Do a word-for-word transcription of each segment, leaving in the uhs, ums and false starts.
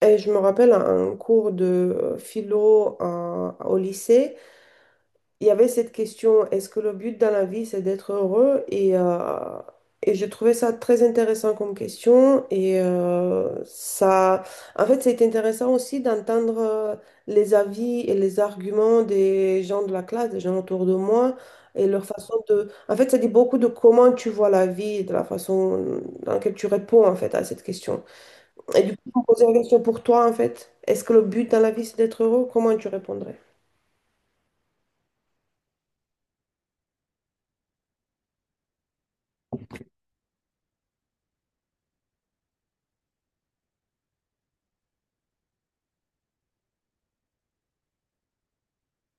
Et je me rappelle un un cours de euh, philo euh, au lycée, il y avait cette question, est-ce que le but dans la vie, c'est d'être heureux? Et, euh, et je trouvais ça très intéressant comme question. Et euh, ça, en fait, c'est intéressant aussi d'entendre euh, les avis et les arguments des gens de la classe, des gens autour de moi, et leur façon de... En fait, ça dit beaucoup de comment tu vois la vie, de la façon dans laquelle tu réponds, en fait, à cette question. Et du coup, je me posais la question pour toi, en fait. Est-ce que le but dans la vie, c'est d'être heureux? Comment tu répondrais?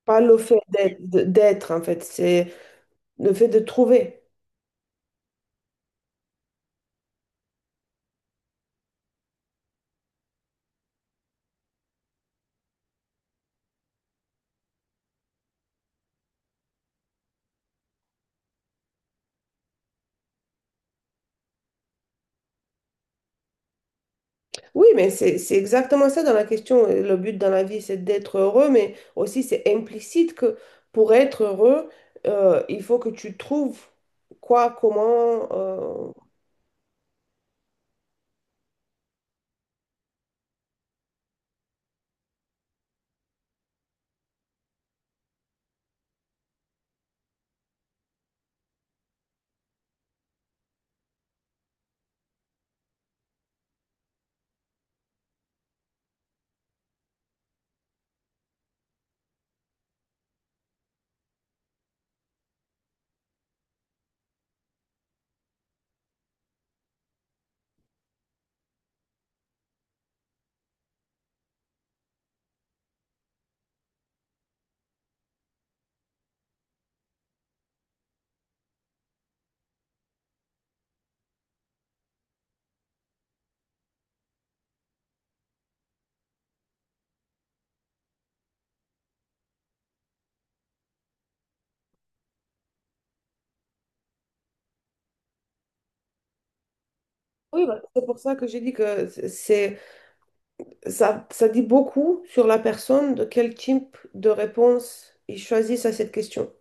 Pas le fait d'être, de- d'être, en fait, c'est le fait de trouver. Oui, mais c'est c'est exactement ça dans la question. Le but dans la vie, c'est d'être heureux, mais aussi c'est implicite que pour être heureux, euh, il faut que tu trouves quoi, comment. euh. Oui, bah, c'est pour ça que j'ai dit que c'est ça, ça dit beaucoup sur la personne de quel type de réponse ils choisissent à cette question.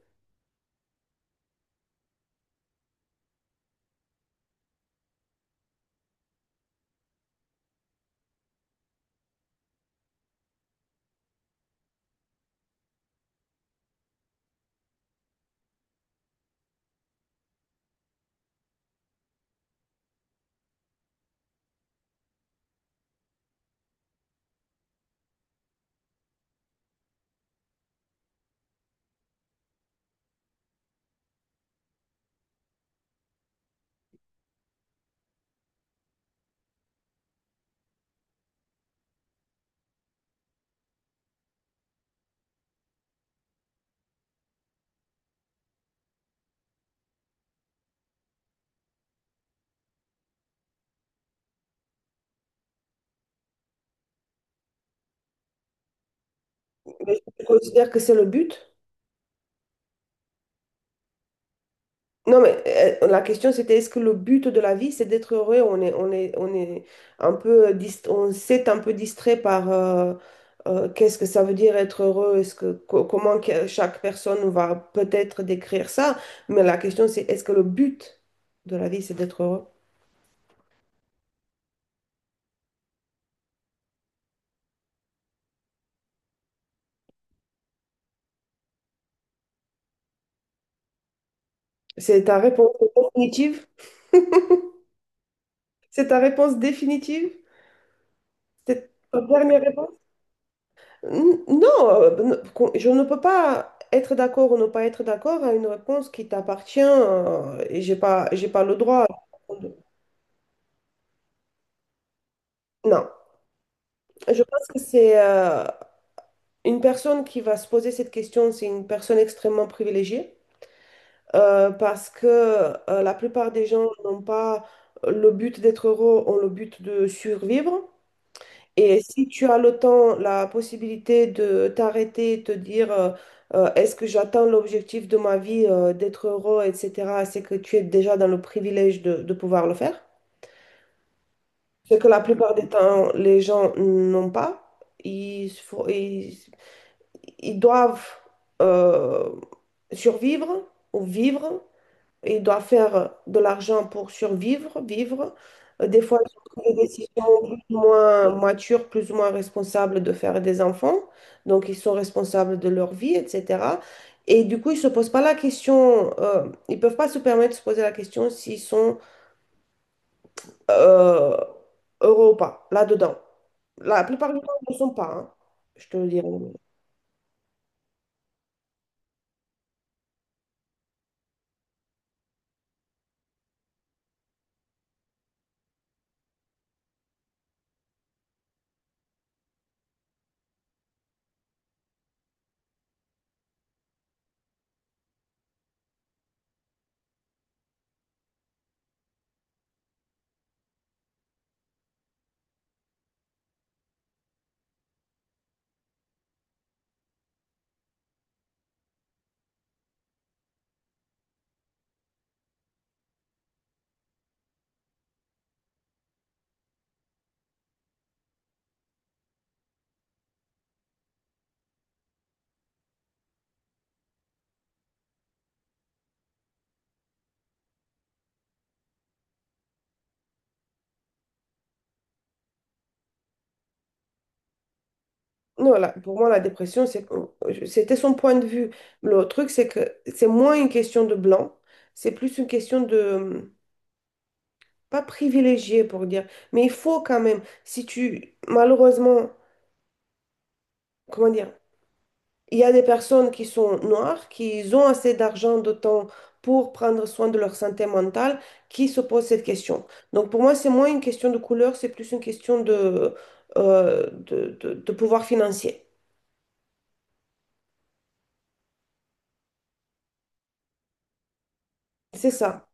Mais je considère que c'est le but. Non, mais euh, la question c'était est-ce que le but de la vie c'est d'être heureux? On est, on est, on est un peu, euh, dist- on s'est un peu distrait par euh, euh, qu'est-ce que ça veut dire être heureux? Est-ce que, co- comment que- chaque personne va peut-être décrire ça? Mais la question c'est est-ce que le but de la vie c'est d'être heureux? C'est ta réponse définitive? C'est ta réponse définitive? C'est ta dernière réponse? N- Non, euh, ben, qu'on- je ne peux pas être d'accord ou ne pas être d'accord à une réponse qui t'appartient euh, et j'ai pas, j'ai pas le droit. Non, je pense que c'est euh, une personne qui va se poser cette question, c'est une personne extrêmement privilégiée euh, parce que euh, la plupart des gens n'ont pas le but d'être heureux, ont le but de survivre. Et si tu as le temps, la possibilité de t'arrêter, te dire euh, euh, est-ce que j'atteins l'objectif de ma vie, euh, d'être heureux, et cetera, c'est que tu es déjà dans le privilège de, de pouvoir le faire. Ce que la plupart des temps, les gens n'ont pas. Ils, fo- ils, ils doivent euh, survivre ou vivre, il doit faire de l'argent pour survivre, vivre. Euh, Des fois, ils ont pris des décisions plus ou moins matures, plus ou moins responsables de faire des enfants. Donc, ils sont responsables de leur vie, et cetera. Et du coup, ils ne se posent pas la question, euh, ils ne peuvent pas se permettre de se poser la question s'ils sont euh, heureux ou pas, là-dedans. La plupart du temps, ils ne le sont pas, hein, je te le dirais. Non, là, pour moi, la dépression, c'est, c'était son point de vue. Le truc, c'est que c'est moins une question de blanc, c'est plus une question de, hum, pas privilégié pour dire, mais il faut quand même, si tu, malheureusement, comment dire, il y a des personnes qui sont noires, qui ont assez d'argent, de temps pour prendre soin de leur santé mentale, qui se posent cette question. Donc pour moi, c'est moins une question de couleur, c'est plus une question de, euh, de, de de pouvoir financier. C'est ça.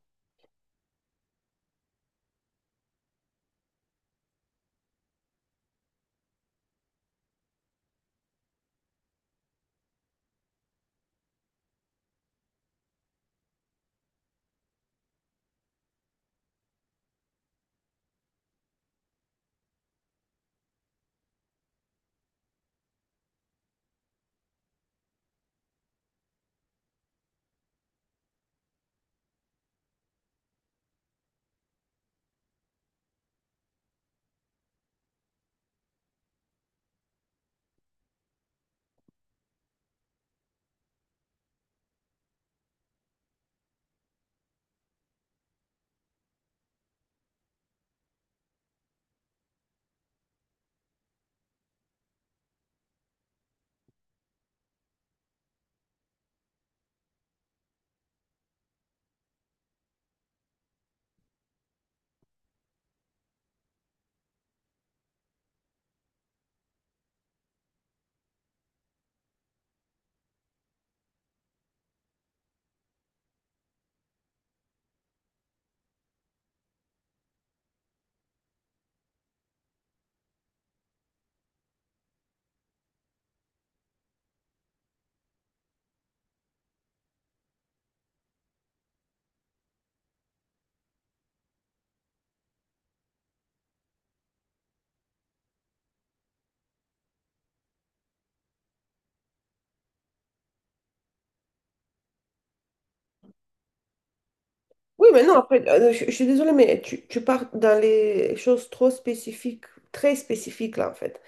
Oui, mais non, après, euh, je, je suis désolée, mais tu, tu pars dans les choses trop spécifiques, très spécifiques, là, en fait.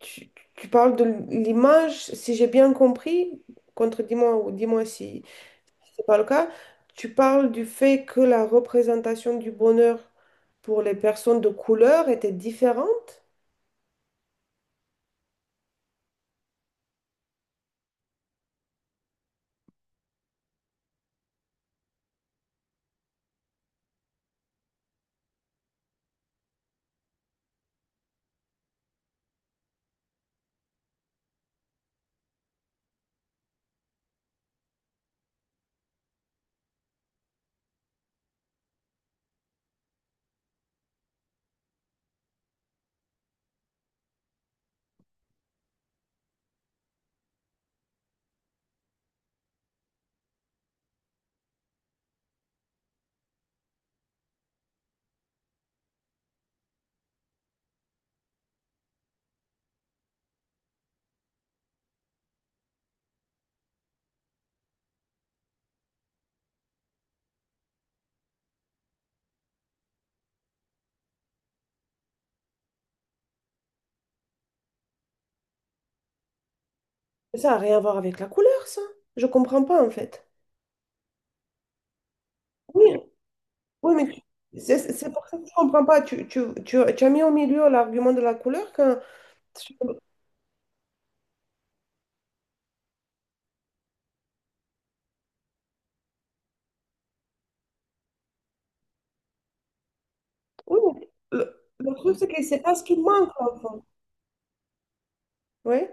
Tu, tu parles de l'image, si j'ai bien compris, contredis-moi ou dis-moi si c'est pas le cas, tu parles du fait que la représentation du bonheur pour les personnes de couleur était différente? Ça n'a rien à voir avec la couleur, ça. Je comprends pas, en fait. Oui, oui, mais tu- c'est c'est pour ça que je comprends pas. Tu, tu, tu, tu as mis au milieu l'argument de la couleur quand... Oui, mais le, le truc, c'est que c'est pas ce qui manque, l'enfant. Oui?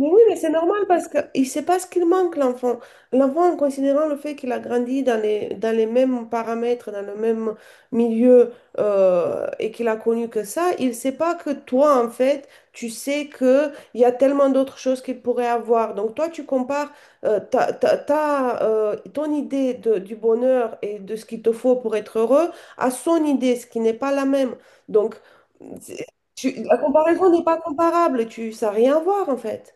Mais oui, mais c'est normal parce qu'il ne sait pas ce qu'il manque, l'enfant. L'enfant, en considérant le fait qu'il a grandi dans les, dans les mêmes paramètres, dans le même milieu euh, et qu'il a connu que ça, il ne sait pas que toi, en fait, tu sais qu'il y a tellement d'autres choses qu'il pourrait avoir. Donc, toi, tu compares euh, ta, ta- ta, euh, ton idée de- du bonheur et de ce qu'il te faut pour être heureux à son idée, ce qui n'est pas la même. Donc, c'est- tu- la comparaison n'est pas comparable. Tu, ça n'a rien à voir, en fait.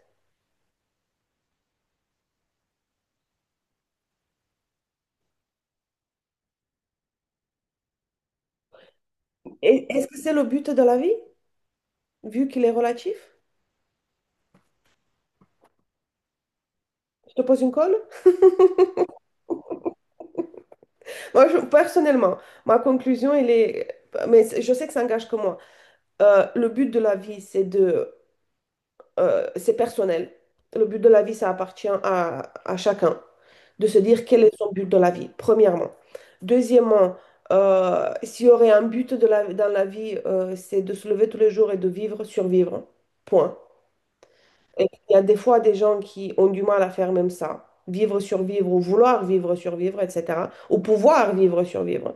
Et est-ce que c'est le but de la vie, vu qu'il est relatif? Je te pose une colle? Moi, je- personnellement, ma conclusion, elle est... Mais c'est- je sais que ça engage que moi. Euh, le but de la vie, c'est de... euh, c'est personnel. Le but de la vie, ça appartient à, à chacun. De se dire quel est son but de la vie, premièrement. Deuxièmement, euh, s'il y aurait un but de la, dans la vie, euh, c'est de se lever tous les jours et de vivre, survivre. Point. Et il y a des fois des gens qui ont du mal à faire même ça, vivre, survivre, ou vouloir vivre, survivre, et cetera. Ou pouvoir vivre, survivre,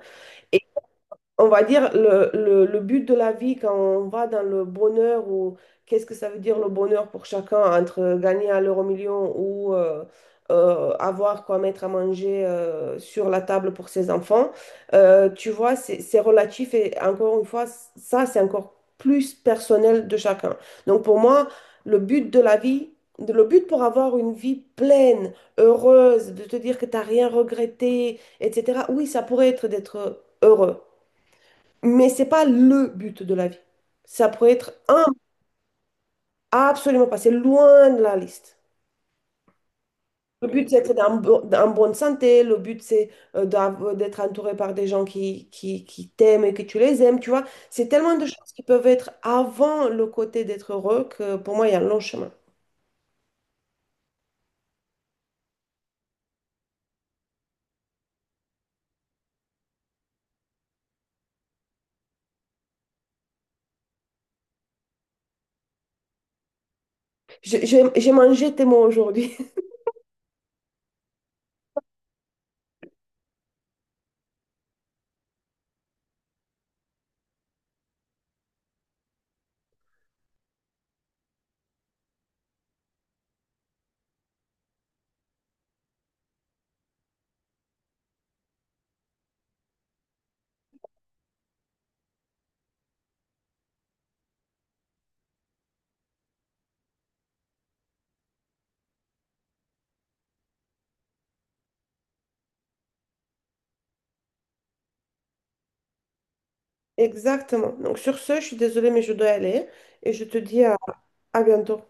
on va dire, le, le, le but de la vie quand on va dans le bonheur ou qu'est-ce que ça veut dire le bonheur pour chacun entre gagner à l'euro million ou euh, euh, avoir quoi mettre à manger euh, sur la table pour ses enfants, euh, tu vois, c'est c'est relatif et encore une fois, ça, c'est encore plus personnel de chacun. Donc pour moi, le but de la vie, de- le but pour avoir une vie pleine, heureuse, de te dire que tu n'as rien regretté, et cetera, oui, ça pourrait être d'être heureux. Mais c'est pas le but de la vie. Ça pourrait être un, absolument pas. C'est loin de la liste. Le but, c'est d'être en, bo- en bonne santé. Le but, c'est euh, d'av- d'être entouré par des gens qui, qui, qui t'aiment et que tu les aimes. Tu vois, c'est tellement de choses qui peuvent être avant le côté d'être heureux que pour moi, il y a un long chemin. J'ai j'ai- j'ai mangé tes mots aujourd'hui. Exactement. Donc, sur ce, je suis désolée, mais je dois aller. Et je te dis à à bientôt.